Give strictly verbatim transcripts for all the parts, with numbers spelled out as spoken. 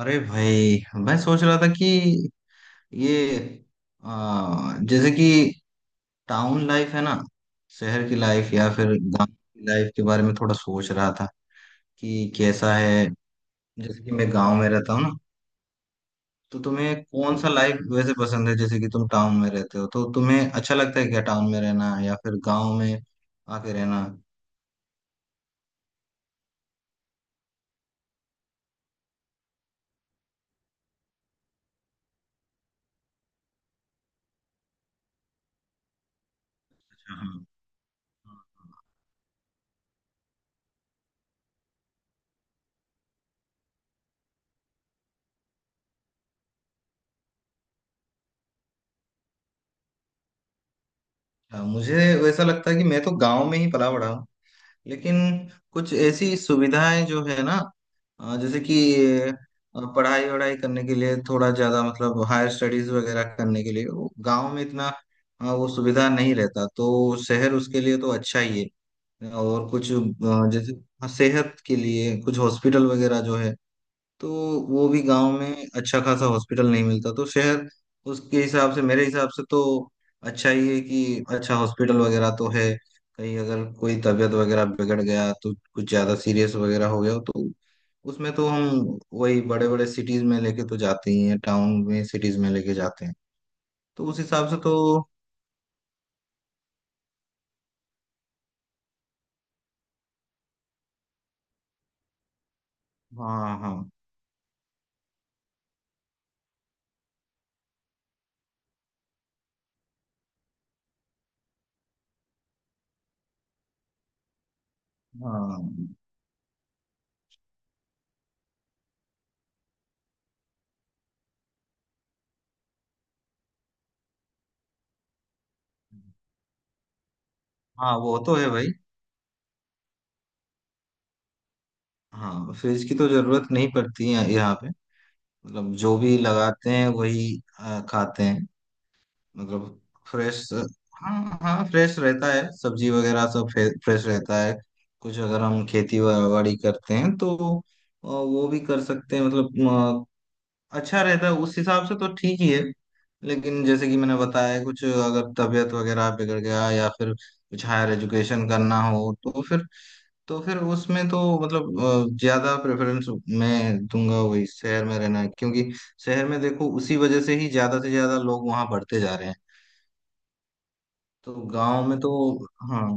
अरे भाई, मैं सोच रहा था कि ये आ, जैसे कि टाउन लाइफ है ना, शहर की लाइफ या फिर गांव की लाइफ के बारे में थोड़ा सोच रहा था कि कैसा है। जैसे कि मैं गांव में रहता हूँ ना, तो तुम्हें कौन सा लाइफ वैसे पसंद है, जैसे कि तुम टाउन में रहते हो तो तुम्हें अच्छा लगता है क्या टाउन में रहना या फिर गांव में आके रहना अच्छा। हाँ हाँ। मुझे वैसा लगता है कि मैं तो गांव में ही पला बड़ा हूँ लेकिन कुछ ऐसी सुविधाएं जो है ना, अ, जैसे कि अ, पढ़ाई वढ़ाई करने के लिए थोड़ा ज्यादा मतलब हायर स्टडीज वगैरह करने के लिए वो गांव में इतना अ, वो सुविधा नहीं रहता, तो शहर उसके लिए तो अच्छा ही है। और कुछ अ, जैसे सेहत के लिए कुछ हॉस्पिटल वगैरह जो है, तो वो भी गांव में अच्छा खासा हॉस्पिटल नहीं मिलता, तो शहर उसके हिसाब से, मेरे हिसाब से तो अच्छा ही है कि अच्छा हॉस्पिटल वगैरह तो है। कहीं अगर कोई तबीयत वगैरह बिगड़ गया तो कुछ ज्यादा सीरियस वगैरह हो गया तो उसमें तो हम वही बड़े बड़े सिटीज में लेके तो जाते ही हैं, टाउन में सिटीज में लेके जाते हैं। तो उस हिसाब से तो हाँ हाँ। हाँ हाँ, वो तो है भाई। हाँ, फ्रिज की तो जरूरत नहीं पड़ती है यहाँ पे। मतलब जो भी लगाते हैं वही आ, खाते हैं। मतलब फ्रेश। हाँ हाँ, फ्रेश रहता है सब्जी वगैरह सब फ्रेश रहता है। कुछ अगर हम खेती वा- बाड़ी करते हैं तो अ, वो भी कर सकते हैं, मतलब अ, अच्छा रहता है, उस हिसाब से तो ठीक ही है। लेकिन जैसे कि मैंने बताया, कुछ अगर तबीयत वगैरह बिगड़ गया या फिर कुछ हायर एजुकेशन करना हो तो फिर, तो फिर उसमें तो मतलब अ, ज्यादा प्रेफरेंस मैं दूंगा वही शहर में रहना, क्योंकि शहर में देखो उसी वजह से ही ज्यादा से ज्यादा लोग वहां बढ़ते जा रहे हैं। तो गांव में तो हाँ।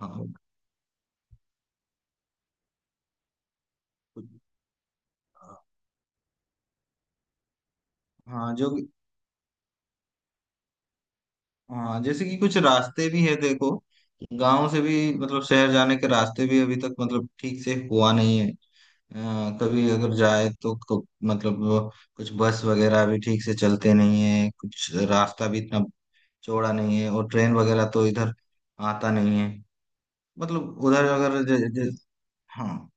हाँ, कुछ- हाँ जो, हाँ जैसे कि कुछ रास्ते भी है देखो। गांव से भी मतलब शहर जाने के रास्ते भी अभी तक मतलब ठीक से हुआ नहीं है। अ, कभी अगर जाए तो क- मतलब वो, कुछ बस वगैरह भी ठीक से चलते नहीं है, कुछ रास्ता भी इतना चौड़ा नहीं है, और ट्रेन वगैरह तो इधर आता नहीं है। मतलब उधर अगर ज, ज, हाँ।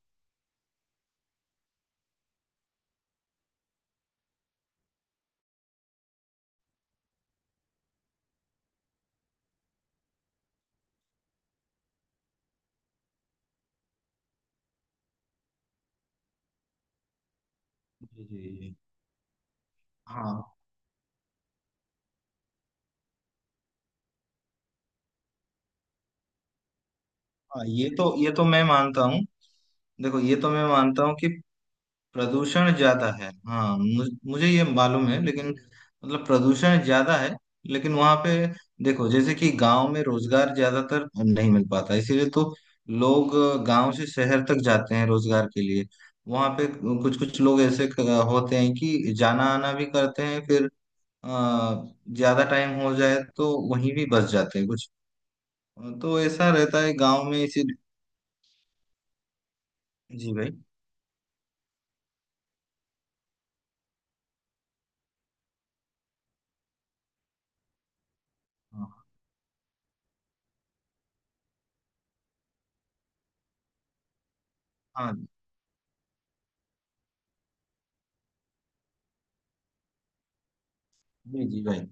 जी जी जी। हाँ हाँ, ये तो, ये तो मैं मानता हूँ। देखो ये तो मैं मानता हूँ कि प्रदूषण ज्यादा है, हाँ। मुझ, मुझे ये मालूम है, लेकिन मतलब प्रदूषण ज्यादा है लेकिन वहां पे देखो जैसे कि गांव में रोजगार ज्यादातर नहीं मिल पाता, इसीलिए तो लोग गांव से शहर तक जाते हैं रोजगार के लिए। वहां पे कुछ कुछ लोग ऐसे क- होते हैं कि जाना आना भी करते हैं, फिर अ, ज्यादा टाइम हो जाए तो वहीं भी बस जाते हैं कुछ। तो ऐसा रहता है गांव में इसी। जी भाई। हाँ हाँ, जी जी भाई।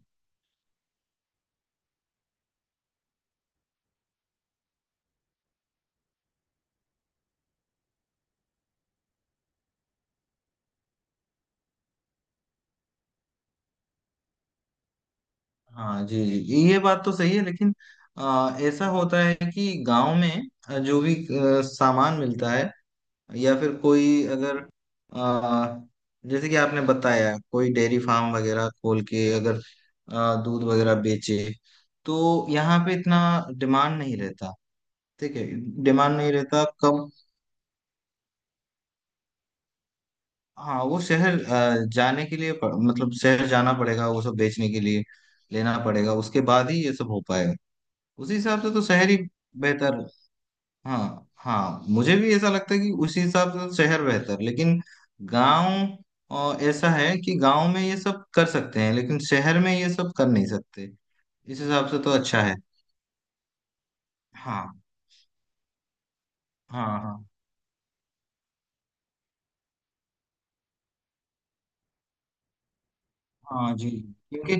हाँ जी जी, ये बात तो सही है लेकिन आ, ऐसा होता है कि गांव में आ, जो भी आ, सामान मिलता है, या फिर कोई अगर आ, जैसे कि आपने बताया, कोई डेयरी फार्म वगैरह खोल के अगर आ, दूध वगैरह बेचे, तो यहाँ पे इतना डिमांड नहीं रहता। ठीक है। डिमांड नहीं रहता, कम। हाँ वो शहर आ, जाने के लिए प- मतलब शहर जाना पड़ेगा वो सब बेचने के लिए, लेना पड़ेगा, उसके बाद ही ये सब हो पाएगा। उसी हिसाब से तो शहर ही बेहतर। हाँ हाँ, मुझे भी ऐसा लगता है कि उसी हिसाब से तो शहर बेहतर, लेकिन गांव, और ऐसा है कि गांव में ये सब कर सकते हैं लेकिन शहर में ये सब कर नहीं सकते, इस हिसाब से तो अच्छा है। हाँ हाँ। हाँ, हाँ जी। क्योंकि,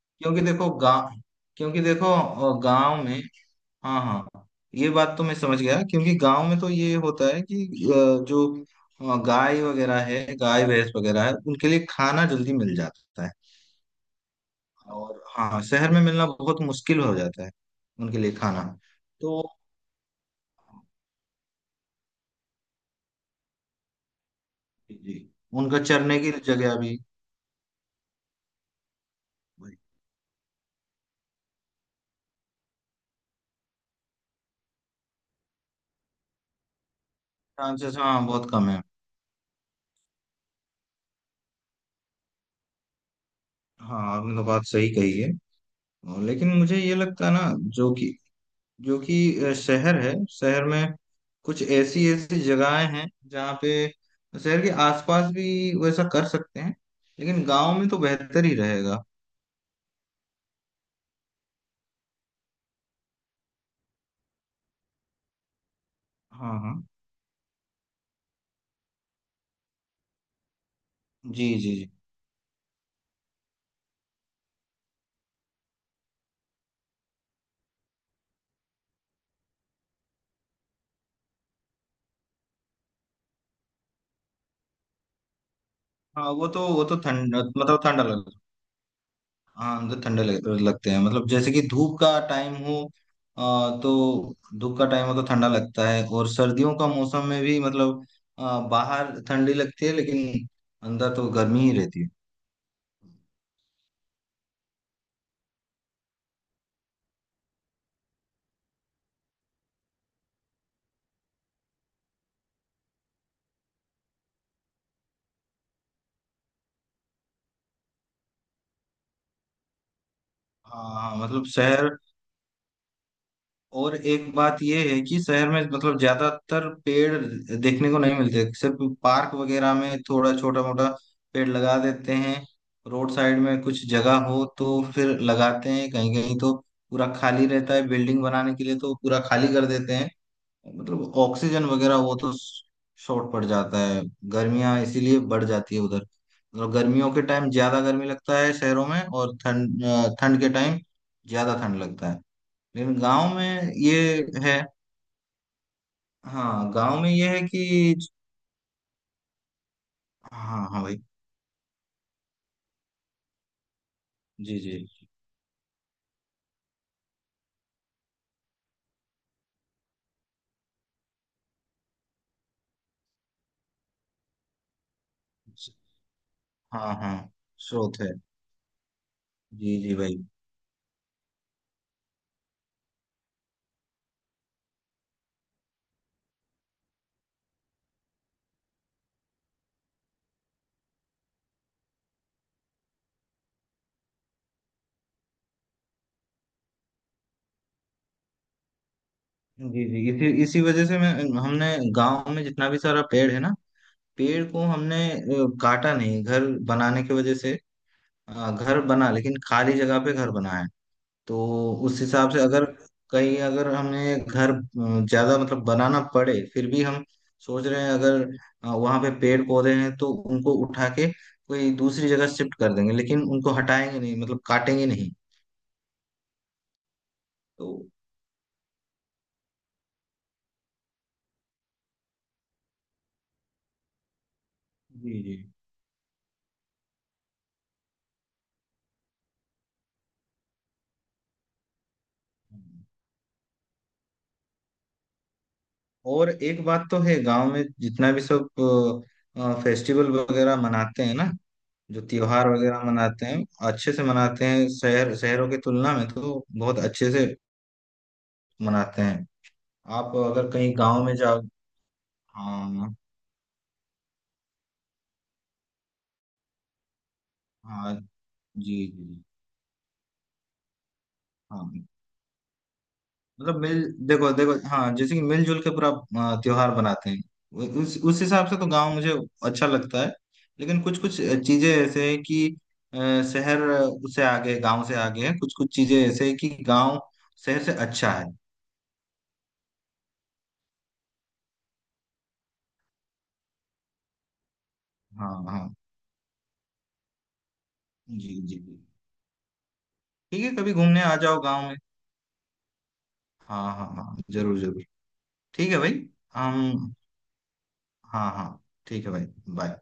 क्योंकि देखो गांव, क्योंकि देखो अ, गांव में हाँ हाँ, ये बात तो मैं समझ गया क्योंकि गांव में तो ये होता है कि अ, जो अ, गाय वगैरह है, गाय भैंस वगैरह है, उनके लिए खाना जल्दी मिल जाता है। और हाँ, शहर में मिलना बहुत मुश्किल हो जाता है उनके लिए खाना। तो जी। उनका चरने की जगह भी। चांसेस हाँ बहुत कम है। हाँ, आपने तो बात सही कही है। और लेकिन मुझे ये लगता है ना जो कि, जो कि अ, शहर है, शहर में कुछ ऐसी ऐसी जगहें हैं जहाँ पे शहर के आसपास भी वैसा कर सकते हैं, लेकिन गांव में तो बेहतर ही रहेगा। हाँ हाँ। जी जी जी। हाँ वो तो, वो तो ठंड मतलब ठंडा लगता है। हाँ अंदर ठंडे लग, लगते हैं, मतलब जैसे कि धूप का टाइम हो अ, तो धूप का टाइम हो तो ठंडा लगता है, और सर्दियों का मौसम में भी मतलब अ, बाहर ठंडी लगती है लेकिन अंदर तो गर्मी ही रहती है। हाँ हाँ, मतलब शहर, और एक बात ये है कि शहर में मतलब ज्यादातर पेड़ देखने को नहीं मिलते, सिर्फ पार्क वगैरह में थोड़ा छोटा मोटा पेड़ लगा देते हैं। रोड साइड में कुछ जगह हो तो फिर लगाते हैं, कहीं कहीं तो पूरा खाली रहता है। बिल्डिंग बनाने के लिए तो पूरा खाली कर देते हैं, मतलब ऑक्सीजन वगैरह वो तो शॉर्ट पड़ जाता है। गर्मियाँ इसीलिए बढ़ जाती है उधर, मतलब गर्मियों के टाइम ज्यादा गर्मी लगता है शहरों में, और ठंड अ, ठंड के टाइम ज्यादा ठंड लगता है। लेकिन गांव में ये है। हाँ, गांव में ये है कि हाँ हाँ भाई। जी जी। हाँ हाँ, स्रोत है। जी जी भाई। जी जी, इसी इसी वजह से मैं, हमने गांव में जितना भी सारा पेड़ है ना, पेड़ को हमने अ, काटा नहीं घर बनाने की वजह से। अ, घर बना लेकिन खाली जगह पे घर बनाया। तो उस हिसाब से अगर कहीं अगर हमें घर अ, ज्यादा मतलब बनाना पड़े, फिर भी हम सोच रहे हैं अगर अ, वहां पे पेड़ पौधे हैं तो उनको उठा के कोई दूसरी जगह शिफ्ट कर देंगे, लेकिन उनको हटाएंगे नहीं, मतलब काटेंगे नहीं। तो जी जी। और एक बात तो है, गांव में जितना भी सब फेस्टिवल वगैरह मनाते हैं ना, जो त्योहार वगैरह मनाते हैं, अच्छे से मनाते हैं, शहर शहरों की तुलना में तो बहुत अच्छे से मनाते हैं। आप अगर कहीं गांव में जाओ। हाँ। हाँ। जी जी। हाँ, मतलब मिल, देखो देखो, हाँ जैसे कि मिलजुल के पूरा अ, त्योहार बनाते हैं। उ- उस उस हिसाब से तो गांव मुझे अच्छा लगता है, लेकिन कुछ कुछ चीजें ऐसे हैं कि अ, शहर उससे आगे है, गांव से आगे है। कुछ कुछ चीजें ऐसे हैं कि गांव शहर से अच्छा है। हाँ हाँ। जी जी जी। ठीक है, कभी घूमने आ जाओ गांव में। हाँ हाँ हाँ, जरूर जरूर। ठीक है भाई। हम। हाँ हाँ। ठीक है भाई। बाय।